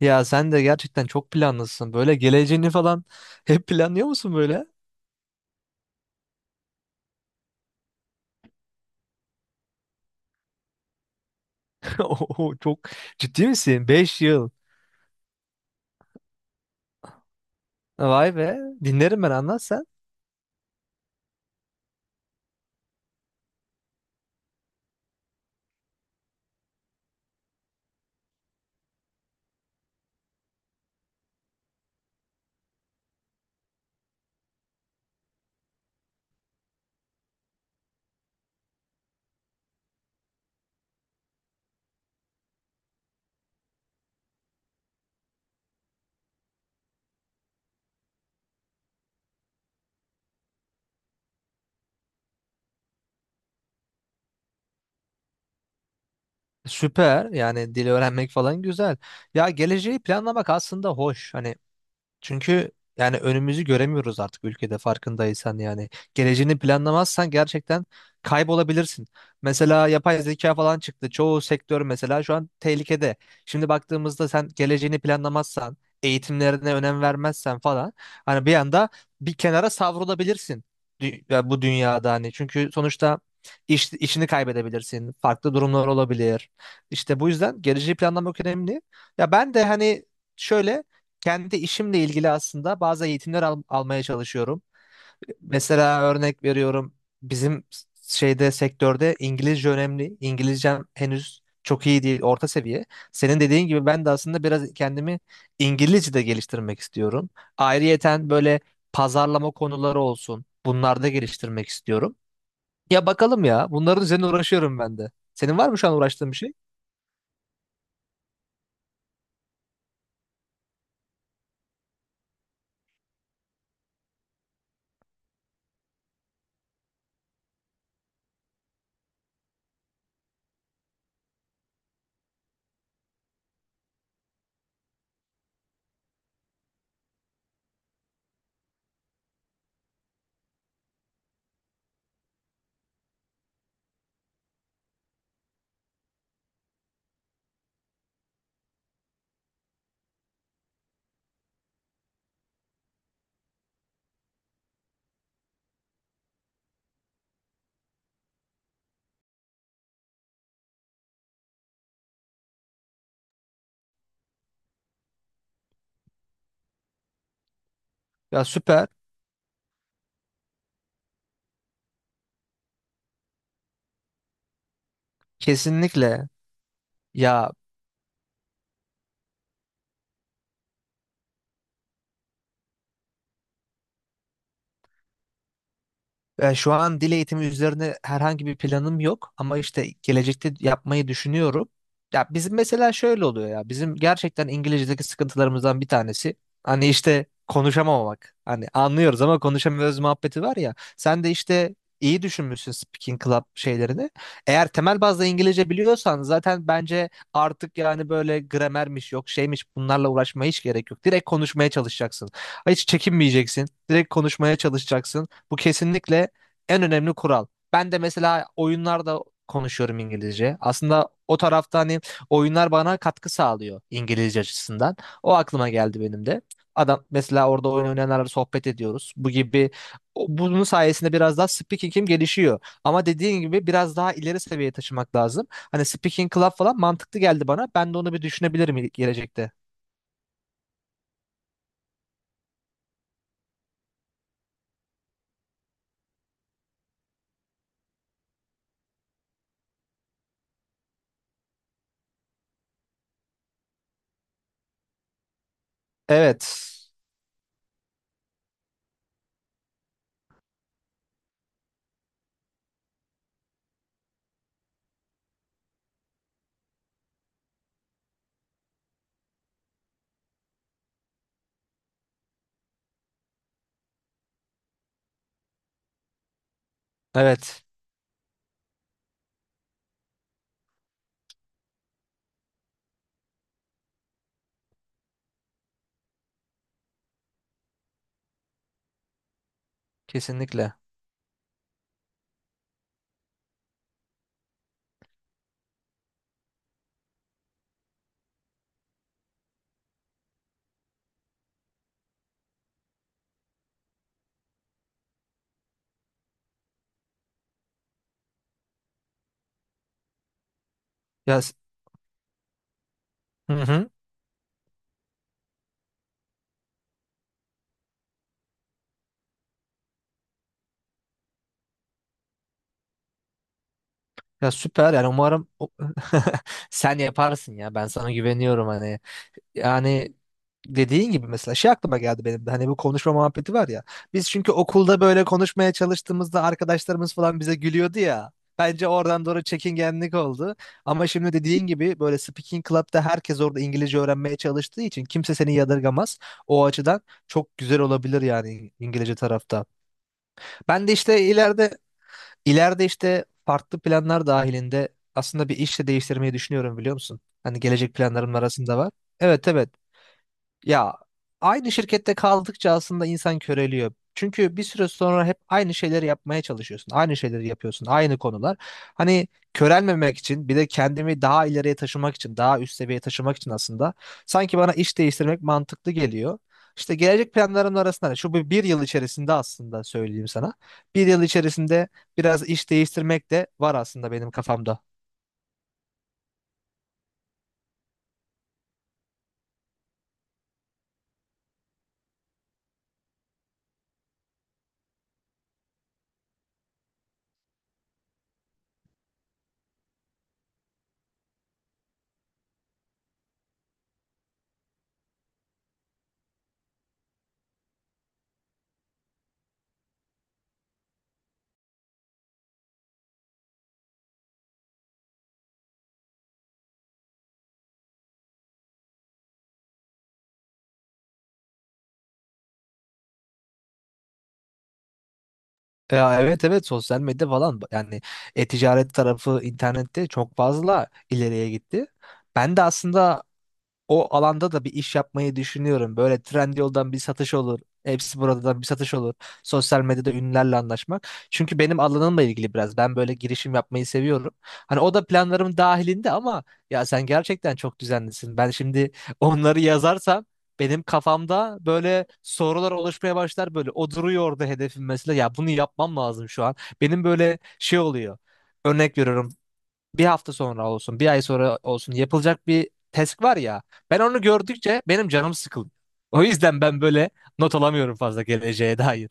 Ya sen de gerçekten çok planlısın. Böyle geleceğini falan hep planlıyor musun böyle? Oo, çok ciddi misin? 5 yıl. Vay be. Dinlerim ben anlat sen. Süper. Yani dil öğrenmek falan güzel. Ya geleceği planlamak aslında hoş. Hani çünkü yani önümüzü göremiyoruz artık ülkede farkındaysan yani. Geleceğini planlamazsan gerçekten kaybolabilirsin. Mesela yapay zeka falan çıktı. Çoğu sektör mesela şu an tehlikede. Şimdi baktığımızda sen geleceğini planlamazsan, eğitimlerine önem vermezsen falan hani bir anda bir kenara savrulabilirsin ya bu dünyada hani. Çünkü sonuçta işini kaybedebilirsin. Farklı durumlar olabilir. İşte bu yüzden geleceği planlamak önemli. Ya ben de hani şöyle kendi işimle ilgili aslında bazı eğitimler almaya çalışıyorum. Mesela örnek veriyorum bizim şeyde sektörde İngilizce önemli. İngilizcem henüz çok iyi değil, orta seviye. Senin dediğin gibi ben de aslında biraz kendimi İngilizce'de geliştirmek istiyorum. Ayrıyeten böyle pazarlama konuları olsun. Bunlarda geliştirmek istiyorum. Ya bakalım ya. Bunların üzerine uğraşıyorum ben de. Senin var mı şu an uğraştığın bir şey? Ya süper. Kesinlikle. Ya, E, şu an dil eğitimi üzerine herhangi bir planım yok ama işte gelecekte yapmayı düşünüyorum. Ya bizim mesela şöyle oluyor ya bizim gerçekten İngilizce'deki sıkıntılarımızdan bir tanesi hani işte konuşamamak. Hani anlıyoruz ama konuşamıyoruz muhabbeti var ya. Sen de işte iyi düşünmüşsün Speaking Club şeylerini. Eğer temel bazda İngilizce biliyorsan zaten bence artık yani böyle gramermiş yok şeymiş bunlarla uğraşmaya hiç gerek yok. Direkt konuşmaya çalışacaksın. Hiç çekinmeyeceksin. Direkt konuşmaya çalışacaksın. Bu kesinlikle en önemli kural. Ben de mesela oyunlarda konuşuyorum İngilizce. Aslında o tarafta hani oyunlar bana katkı sağlıyor İngilizce açısından. O aklıma geldi benim de. Adam mesela orada oyun oynayanlarla sohbet ediyoruz. Bu gibi bunun sayesinde biraz daha speaking'im gelişiyor. Ama dediğin gibi biraz daha ileri seviyeye taşımak lazım. Hani speaking club falan mantıklı geldi bana. Ben de onu bir düşünebilirim gelecekte. Evet. Evet. Kesinlikle. Ya, hı hı. Ya süper yani umarım sen yaparsın ya ben sana güveniyorum hani yani dediğin gibi mesela şey aklıma geldi benim de hani bu konuşma muhabbeti var ya biz çünkü okulda böyle konuşmaya çalıştığımızda arkadaşlarımız falan bize gülüyordu ya bence oradan doğru çekingenlik oldu ama şimdi dediğin gibi böyle speaking club'da herkes orada İngilizce öğrenmeye çalıştığı için kimse seni yadırgamaz o açıdan çok güzel olabilir yani İngilizce tarafta ben de işte ileride. İleride işte farklı planlar dahilinde aslında bir iş de değiştirmeyi düşünüyorum biliyor musun? Hani gelecek planlarım arasında var. Evet evet. Ya aynı şirkette kaldıkça aslında insan köreliyor. Çünkü bir süre sonra hep aynı şeyleri yapmaya çalışıyorsun. Aynı şeyleri yapıyorsun. Aynı konular. Hani körelmemek için bir de kendimi daha ileriye taşımak için, daha üst seviyeye taşımak için aslında sanki bana iş değiştirmek mantıklı geliyor. İşte gelecek planlarımın arasında hani şu bir yıl içerisinde aslında söyleyeyim sana. 1 yıl içerisinde biraz iş değiştirmek de var aslında benim kafamda. Ya evet evet sosyal medya falan yani e-ticaret tarafı internette çok fazla ileriye gitti. Ben de aslında o alanda da bir iş yapmayı düşünüyorum. Böyle Trendyol'dan bir satış olur. Hepsi buradan bir satış olur. Sosyal medyada ünlülerle anlaşmak. Çünkü benim alanımla ilgili biraz. Ben böyle girişim yapmayı seviyorum. Hani o da planlarım dahilinde ama ya sen gerçekten çok düzenlisin. Ben şimdi onları yazarsam benim kafamda böyle sorular oluşmaya başlar böyle. O duruyor orada hedefim mesela. Ya bunu yapmam lazım şu an. Benim böyle şey oluyor. Örnek veriyorum bir hafta sonra olsun, bir ay sonra olsun yapılacak bir task var ya. Ben onu gördükçe benim canım sıkıldı. O yüzden ben böyle not alamıyorum fazla geleceğe dair.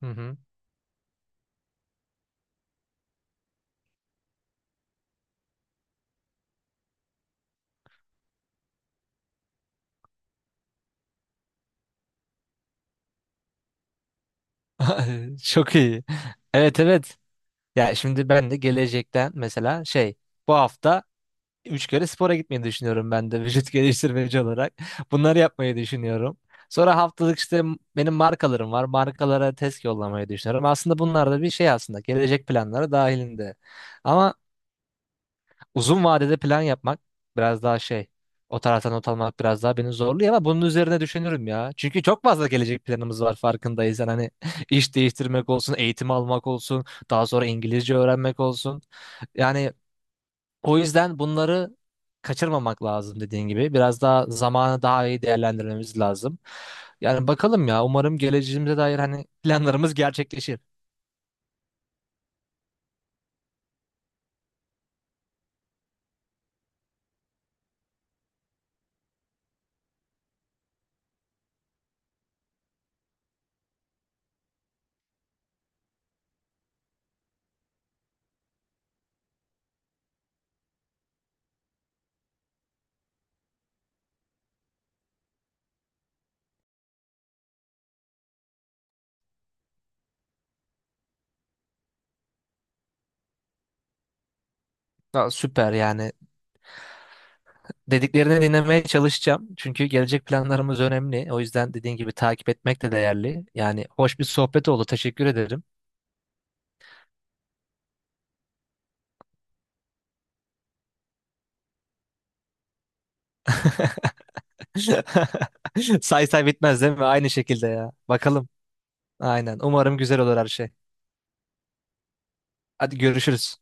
Hı hı. Çok iyi. Evet evet. Ya şimdi ben de gelecekten mesela şey bu hafta 3 kere spora gitmeyi düşünüyorum ben de vücut geliştirmeci olarak. Bunları yapmayı düşünüyorum. Sonra haftalık işte benim markalarım var. Markalara test yollamayı düşünüyorum. Aslında bunlar da bir şey aslında. Gelecek planları dahilinde. Ama uzun vadede plan yapmak biraz daha şey. O taraftan not almak biraz daha beni zorluyor ama bunun üzerine düşünürüm ya. Çünkü çok fazla gelecek planımız var farkındaysan. Hani iş değiştirmek olsun, eğitim almak olsun, daha sonra İngilizce öğrenmek olsun. Yani o yüzden bunları kaçırmamak lazım dediğin gibi. Biraz daha zamanı daha iyi değerlendirmemiz lazım. Yani bakalım ya umarım geleceğimize dair hani planlarımız gerçekleşir. Aa, süper yani dediklerini dinlemeye çalışacağım. Çünkü gelecek planlarımız önemli. O yüzden dediğin gibi takip etmek de değerli. Yani hoş bir sohbet oldu. Teşekkür ederim. Say say bitmez değil mi? Aynı şekilde ya. Bakalım. Aynen. Umarım güzel olur her şey. Hadi görüşürüz.